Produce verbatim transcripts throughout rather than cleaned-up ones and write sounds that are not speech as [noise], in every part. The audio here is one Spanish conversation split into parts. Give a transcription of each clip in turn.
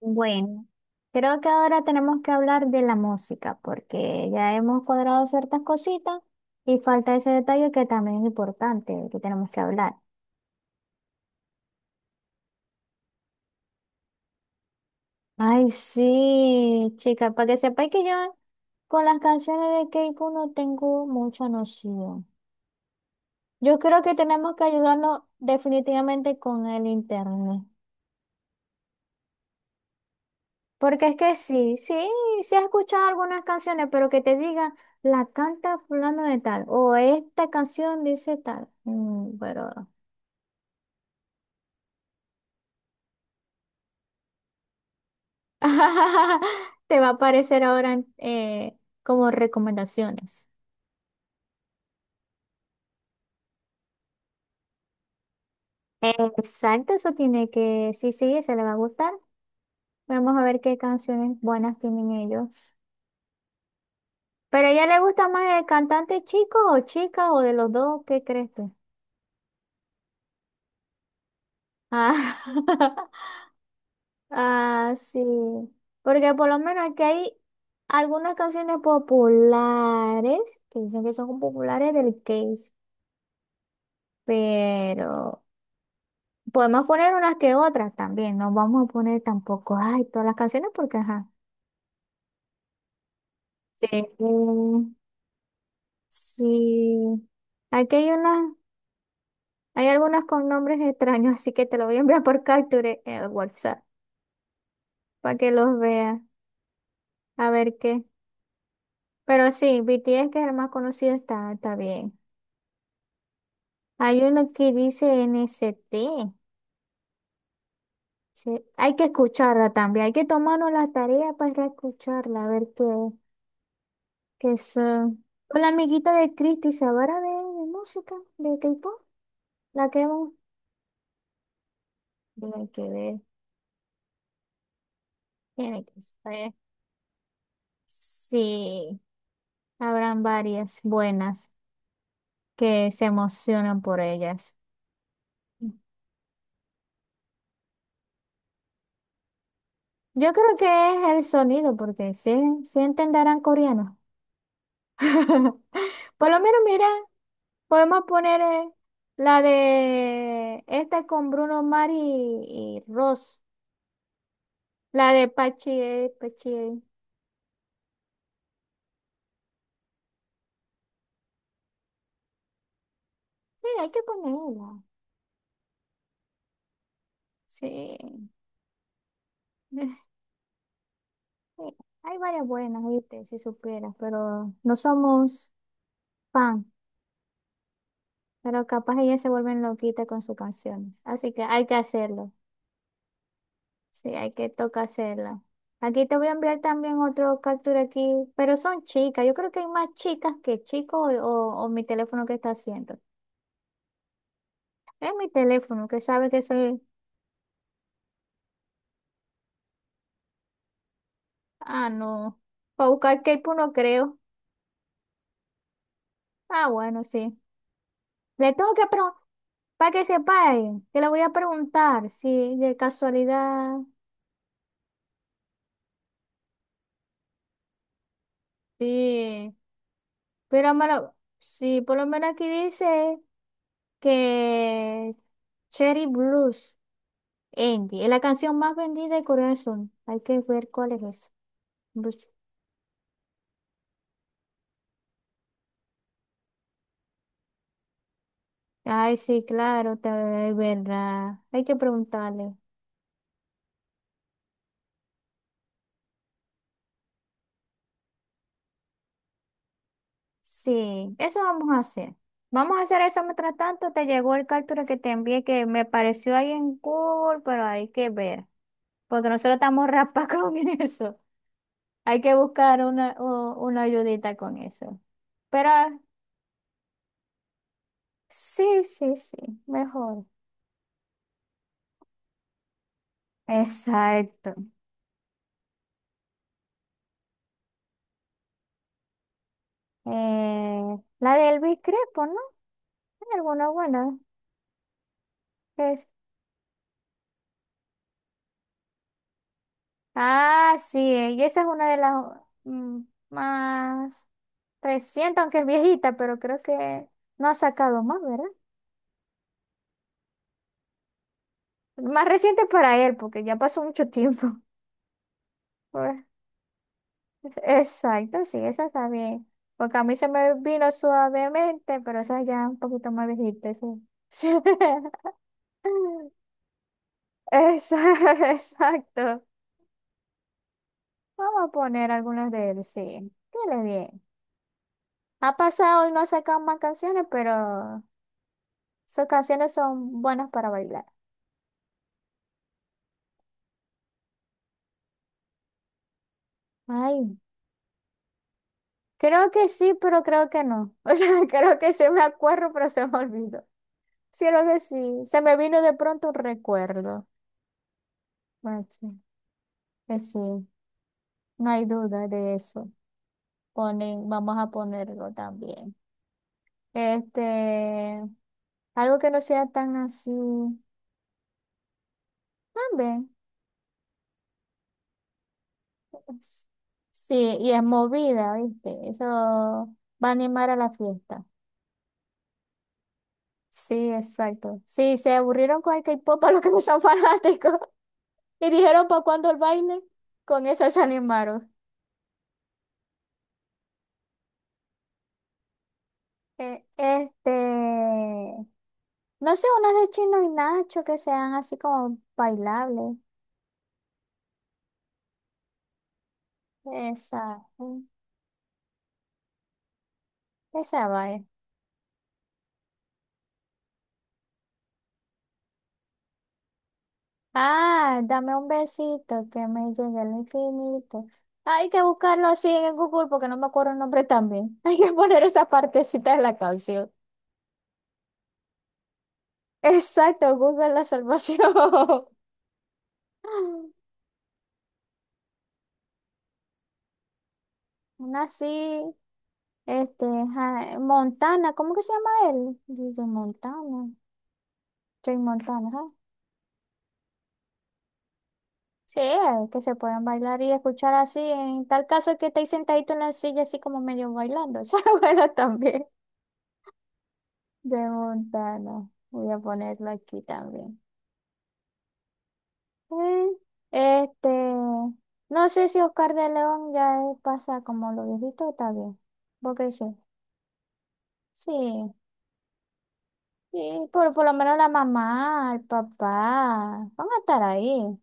Bueno, creo que ahora tenemos que hablar de la música, porque ya hemos cuadrado ciertas cositas y falta ese detalle que también es importante, que tenemos que hablar. Ay, sí, chica, para que sepáis que yo con las canciones de Keiko no tengo mucha noción. Yo creo que tenemos que ayudarnos definitivamente con el internet. Porque es que sí, sí, sí he escuchado algunas canciones, pero que te digan, la canta fulano de tal, o esta canción dice tal. Mm, pero [laughs] te va a aparecer ahora eh, como recomendaciones. Exacto, eso tiene que, sí, sí, se le va a gustar. Vamos a ver qué canciones buenas tienen ellos. ¿Pero a ella le gusta más el cantante chico o chica o de los dos? ¿Qué crees tú? Ah. [laughs] Ah, sí. Porque por lo menos aquí hay algunas canciones populares que dicen que son populares del case, pero podemos poner unas que otras también. No vamos a poner tampoco, ay, todas las canciones porque, ajá. Sí. Mm, sí. Aquí hay unas, hay algunas con nombres extraños, así que te lo voy a enviar por capture en el WhatsApp para que los veas, a ver qué. Pero sí, B T S, que es el más conocido, está, está bien. Hay uno que dice N S T. Sí, hay que escucharla también. Hay que tomarnos la tarea para escucharla, a ver qué, qué son. Con la amiguita de Cristi, ¿sabrá de, de música? ¿De K-pop? La que hemos. Tiene que ver. Tiene que saber. Sí, habrán varias buenas que se emocionan por ellas. Yo creo que es el sonido, porque sí, sí entenderán coreano. [laughs] Por lo menos, mira. Podemos poner eh, la de esta con Bruno Mars y, y Ross. La de Pachi, eh, Pachi. eh. Sí, hay que ponerla. Sí. [laughs] Sí, hay varias buenas, ¿viste? Si supieras, pero no somos fan. Pero capaz ellas se vuelven loquitas con sus canciones. Así que hay que hacerlo. Sí, hay que toca hacerla. Aquí te voy a enviar también otro captura aquí, pero son chicas. Yo creo que hay más chicas que chicos o, o o mi teléfono que está haciendo. Es mi teléfono, que sabe que soy. Ah, no. Para buscar K-pop no creo. Ah, bueno, sí. Le tengo que preguntar, para que sepa, eh, que le voy a preguntar si de casualidad. Sí. Pero malo, sí, por lo menos aquí dice que Cherry Blues, Angie, es la canción más vendida de Corea del Sur. Hay que ver cuál es esa. Blues. Ay, sí, claro, te- es verdad. Hay que preguntarle. Sí, eso vamos a hacer. Vamos a hacer eso mientras tanto. Te llegó el captura que te envié que me pareció ahí en Google, pero hay que ver. Porque nosotros estamos raspa [laughs] con eso. Hay que buscar una, u- una ayudita con eso. Pero ah, sí, sí, sí, mejor. Exacto. Eh, la de Elvis Crespo, ¿no? Hay alguna buena. Es- Ah, sí, eh, y esa es una de las mm, más. Reciente, aunque es viejita, pero creo que no ha sacado más, ¿verdad? Más reciente para él, porque ya pasó mucho tiempo. [laughs] Pues, exacto, sí, esa está bien. Porque a mí se me vino suavemente, pero esa ya un poquito más viejita, sí. Sí. [laughs] Esa- [laughs] Exacto. Vamos a poner algunas de él, sí. Dile bien. Ha pasado y no ha sacado más canciones, pero sus canciones son buenas para bailar. Ay. Creo que sí, pero creo que no. [laughs] O sea, creo que se me acuerdo, pero se me olvidó. Sí, creo que sí. Se me vino de pronto un recuerdo. Macho, que sí, no hay duda de eso. Ponen, vamos a ponerlo también. Este, algo que no sea tan así. También. Es- Sí, y es movida, ¿viste? Eso va a animar a la fiesta. Sí, exacto. Sí, se aburrieron con el K-pop [laughs] a los que no son fanáticos. Y dijeron, ¿para cuándo el baile? Con eso se animaron. Eh, este, no sé, unas de Chino y Nacho que sean así como bailables. Esa, mm, esa vaya. Ah, dame un besito que me llegue al infinito. Hay que buscarlo así en Google porque no me acuerdo el nombre también. [laughs] Hay que poner esa partecita de la canción. Exacto, Google la salvación. [laughs] Una así. Este, Ja- Montana, ¿cómo que se llama él? Dice Montana, Jay Montana, ajá. Sí, el que se pueden bailar y escuchar así, en tal caso que estéis sentadito en la silla así como medio bailando. [laughs] Esa es buena también. Jay Montana, voy a ponerlo aquí también. Mm, este, no sé si Oscar de León ya pasa como lo viejito, está bien. ¿Vos qué sí, sí, sí, por, por lo menos la mamá, el papá, van a estar ahí.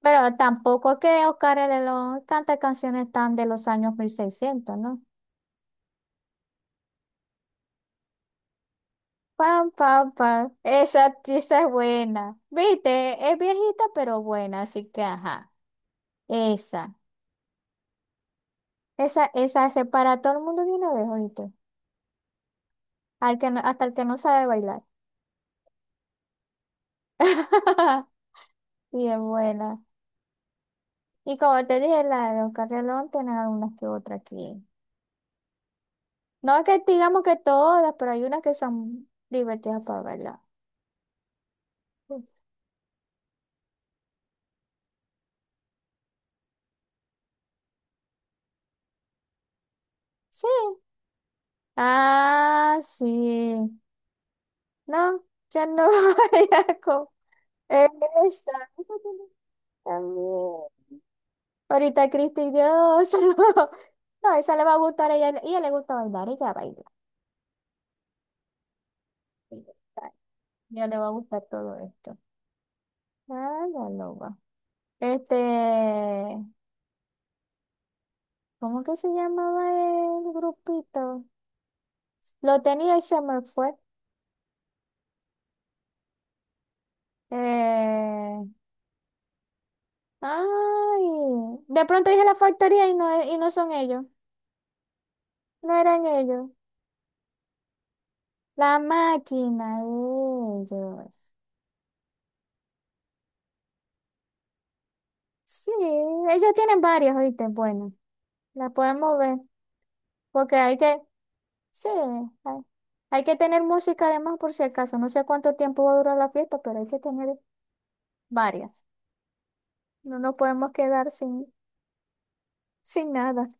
Pero tampoco que Oscar es de los, tantas canciones tan de los años mil seiscientos, ¿no? Pam, pam, pam. Esa, esa es buena. Viste, es viejita, pero buena, así que ajá. Esa, esa, esa se para a todo el mundo de una vez, ¿oíste? Al que no- hasta el que no sabe bailar. [laughs] Bien buena. Y como te dije, la de Oscar Relón tiene algunas que otras aquí. No es que digamos que todas, pero hay unas que son divertidas para bailar. Sí, ah, sí. No, ya no [laughs] voy a co- Esa, esa tiene [laughs] también. Ahorita Cristi, Dios. [laughs] No, no, esa le va a gustar a ella. Ella le gusta bailar, ella baila. Ella baila. Ya le va a gustar todo esto. Ah, la loba. Este, ¿cómo que se llamaba el grupito? Lo tenía y se me fue. Eh, ay. De pronto dije la factoría y no, y no son ellos. No eran ellos. La máquina de ellos. Sí, ellos tienen varias, ¿viste? Bueno, la podemos ver. Porque hay que, sí, hay, hay que tener música además por si acaso. No sé cuánto tiempo va a durar la fiesta, pero hay que tener varias. No nos podemos quedar sin, sin nada.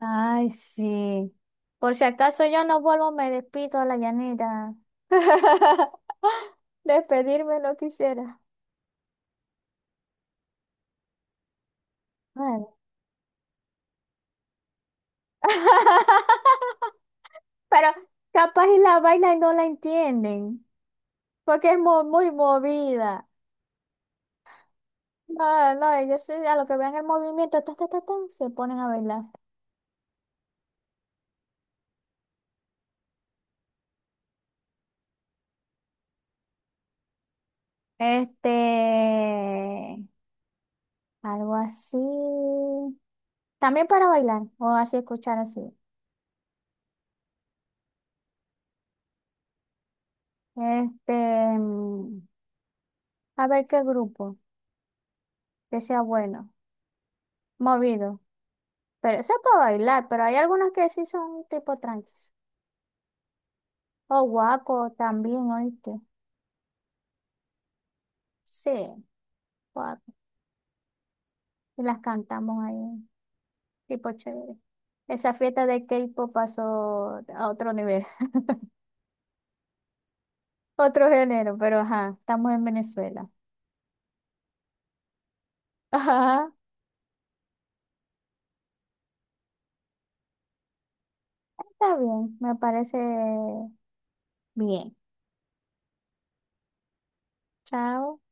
Ay, sí. Por si acaso yo no vuelvo, me despido a la llanera. [laughs] Despedirme no quisiera. Bueno. [laughs] Pero capaz y la baila y no la entienden, porque es mo- muy, movida. No, no, ellos sí, a lo que vean el movimiento, ta, ta, ta, ta, se ponen a bailar. Este, algo así. También para bailar, o así escuchar así. Este, mm, a ver qué grupo, que sea bueno, movido. Pero eso es para bailar, pero hay algunas que sí son tipo tranquis. O guaco también, oíste. Sí, guaco. Y las cantamos ahí. Tipo chévere. Esa fiesta de K-pop pasó a otro nivel. [laughs] Otro género, pero ajá, estamos en Venezuela. [laughs] Ajá, está bien, me parece bien. Chao.